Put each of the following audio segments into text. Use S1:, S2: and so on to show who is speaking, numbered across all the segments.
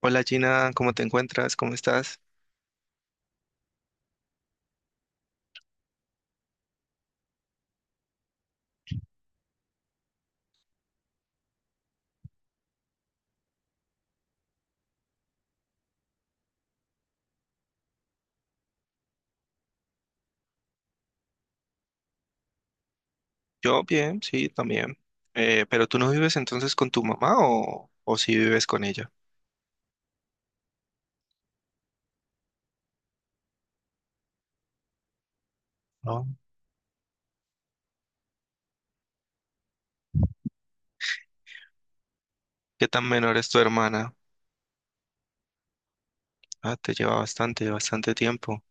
S1: Hola Gina, ¿cómo te encuentras? ¿Cómo estás? Yo bien, sí, también. ¿Pero tú no vives entonces con tu mamá o sí vives con ella? No. ¿Qué tan menor es tu hermana? Ah, te lleva bastante, bastante tiempo.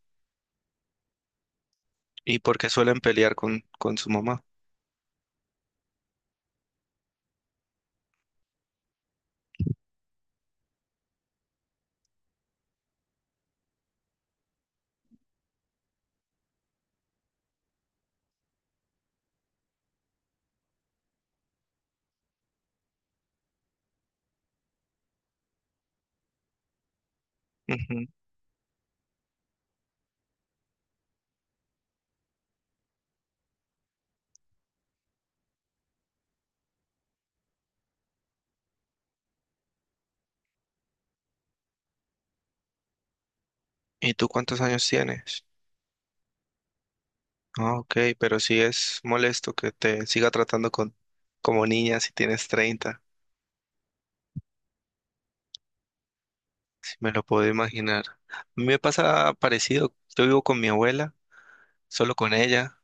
S1: ¿Y por qué suelen pelear con su mamá? Ujú. ¿Y tú cuántos años tienes? Ah, ok, pero sí es molesto que te siga tratando como niña si tienes 30. Si me lo puedo imaginar. A mí me pasa parecido, yo vivo con mi abuela, solo con ella.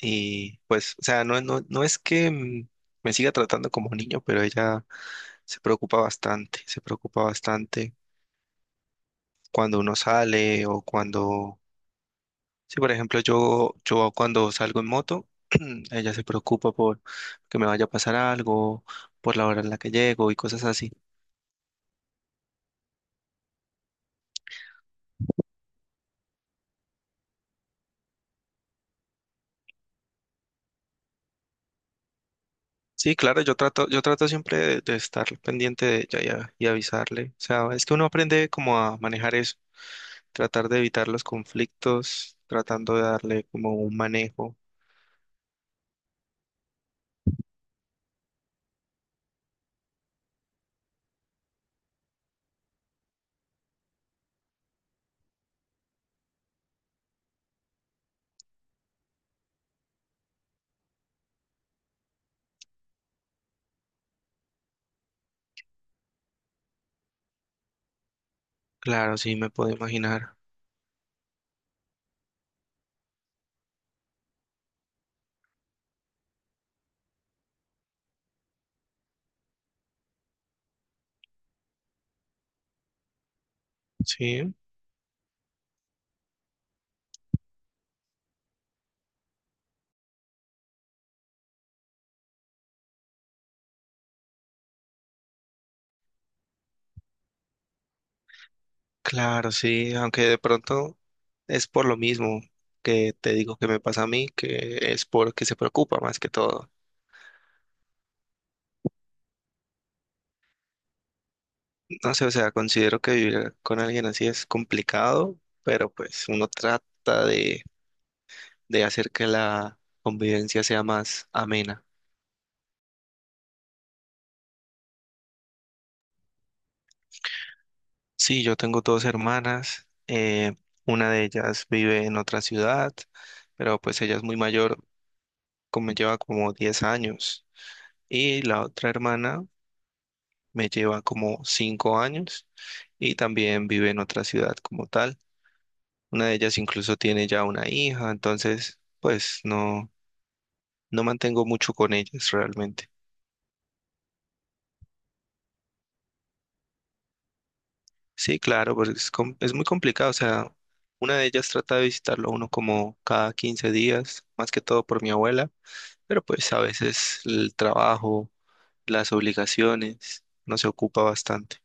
S1: Y pues, o sea, no es que me siga tratando como niño, pero ella se preocupa bastante cuando uno sale o cuando, sí, por ejemplo, yo cuando salgo en moto, ella se preocupa por que me vaya a pasar algo, por la hora en la que llego y cosas así. Sí, claro, yo trato siempre de estar pendiente de ella y, y avisarle. O sea, es que uno aprende como a manejar eso, tratar de evitar los conflictos, tratando de darle como un manejo. Claro, sí, me puedo imaginar. Sí, claro, sí, aunque de pronto es por lo mismo que te digo que me pasa a mí, que es porque se preocupa más que todo. No sé, o sea, considero que vivir con alguien así es complicado, pero pues uno trata de hacer que la convivencia sea más amena. Sí, yo tengo dos hermanas, una de ellas vive en otra ciudad, pero pues ella es muy mayor, como lleva como 10 años. Y la otra hermana me lleva como 5 años y también vive en otra ciudad como tal. Una de ellas incluso tiene ya una hija, entonces pues no mantengo mucho con ellas realmente. Sí, claro, porque es muy complicado, o sea, una de ellas trata de visitarlo a uno como cada 15 días, más que todo por mi abuela, pero pues a veces el trabajo, las obligaciones, no se ocupa bastante,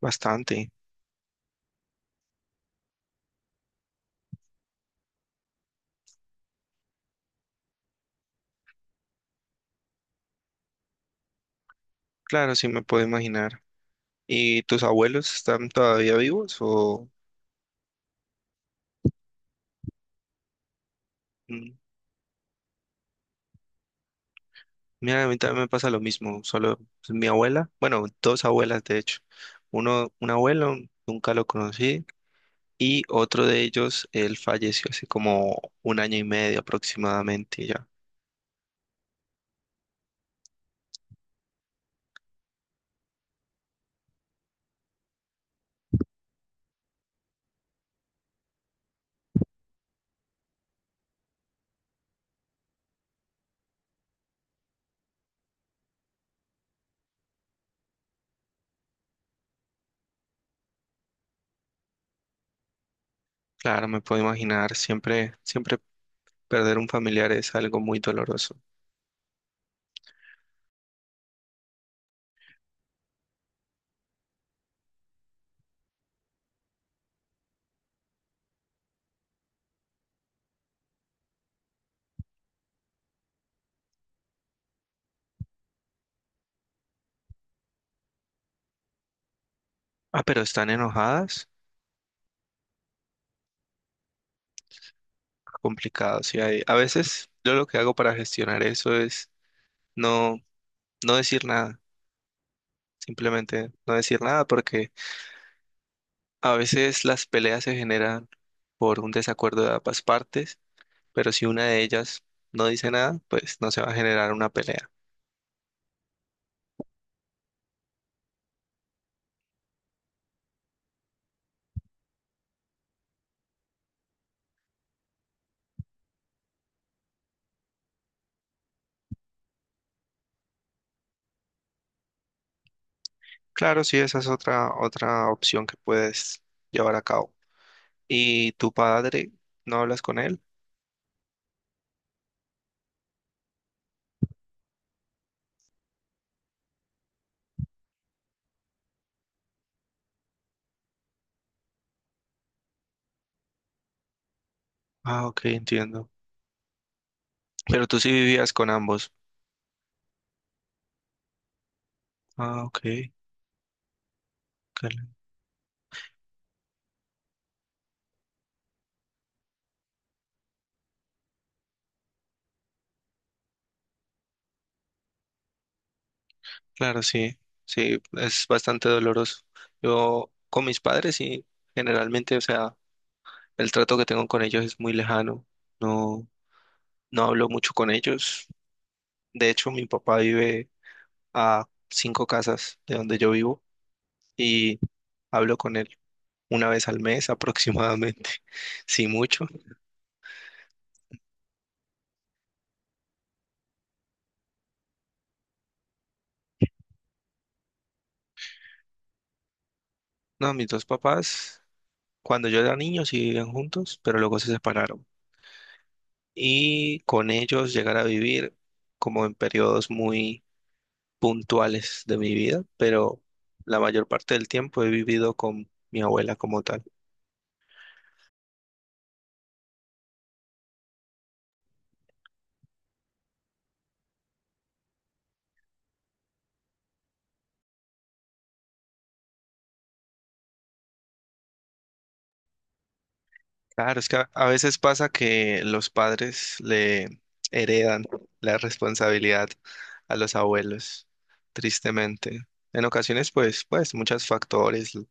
S1: bastante. Claro, sí me puedo imaginar. ¿Y tus abuelos están todavía vivos o...? Mm. Mira, a mí también me pasa lo mismo, solo pues, mi abuela, bueno, dos abuelas de hecho, un abuelo, nunca lo conocí, y otro de ellos, él falleció hace como un año y medio aproximadamente, y ya. Claro, me puedo imaginar, siempre, siempre perder un familiar es algo muy doloroso. Ah, pero están enojadas, complicado, sí, a veces yo lo que hago para gestionar eso es no, no decir nada, simplemente no decir nada porque a veces las peleas se generan por un desacuerdo de ambas partes, pero si una de ellas no dice nada, pues no se va a generar una pelea. Claro, sí, esa es otra opción que puedes llevar a cabo. ¿Y tu padre? ¿No hablas con él? Ah, ok, entiendo. Pero tú sí vivías con ambos. Ah, ok. cal- Claro, sí. Sí, es bastante doloroso. Yo con mis padres, sí, generalmente, o sea, el trato que tengo con ellos es muy lejano. No. No hablo mucho con ellos. De hecho, mi papá vive a cinco casas de donde yo vivo y hablo con él una vez al mes aproximadamente, si mucho. No, mis dos papás, cuando yo era niño, sí vivían juntos, pero luego se separaron. Y con ellos llegar a vivir como en periodos muy puntuales de mi vida, pero la mayor parte del tiempo he vivido con mi abuela como tal. Claro, es que a veces pasa que los padres le heredan la responsabilidad a los abuelos, tristemente. En ocasiones, pues, muchos factores,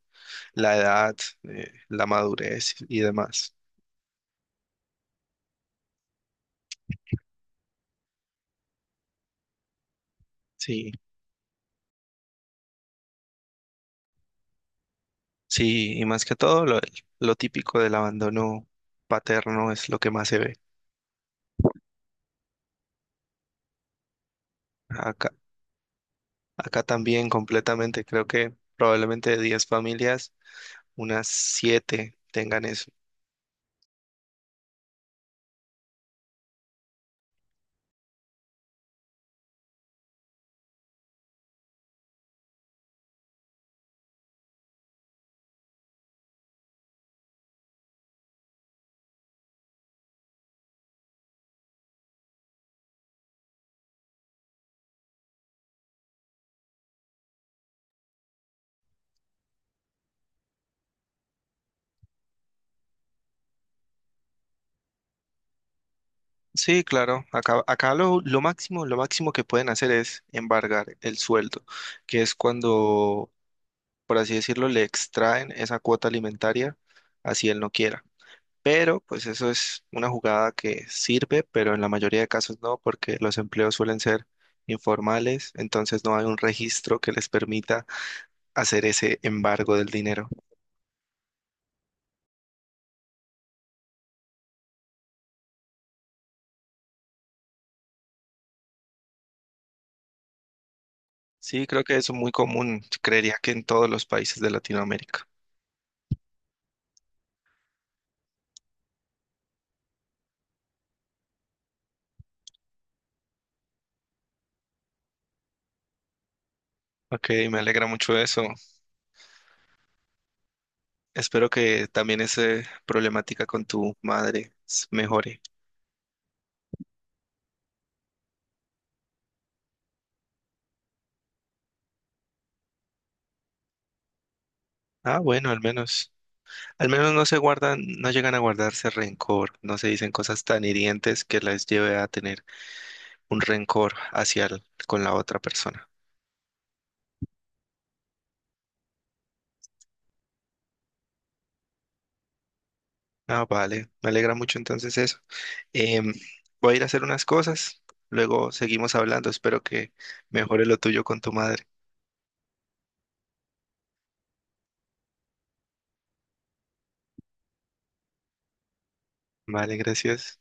S1: la edad, la madurez y demás. Sí, sí, y más que todo, lo típico del abandono paterno es lo que más se ve. Acá, acá también completamente, creo que probablemente de 10 familias, unas 7 tengan eso. Sí, claro. Acá lo máximo que pueden hacer es embargar el sueldo, que es cuando, por así decirlo, le extraen esa cuota alimentaria, así él no quiera. Pero, pues eso es una jugada que sirve, pero en la mayoría de casos no, porque los empleos suelen ser informales, entonces no hay un registro que les permita hacer ese embargo del dinero. Sí, creo que eso es muy común, creería que en todos los países de Latinoamérica. Ok, me alegra mucho eso. Espero que también esa problemática con tu madre mejore. Ah, bueno, al menos. Al menos no se guardan, no llegan a guardarse rencor, no se dicen cosas tan hirientes que las lleve a tener un rencor hacia con la otra persona. Ah, vale, me alegra mucho entonces eso. Em, Voy a ir a hacer unas cosas, luego seguimos hablando, espero que mejore lo tuyo con tu madre. Vale, gracias.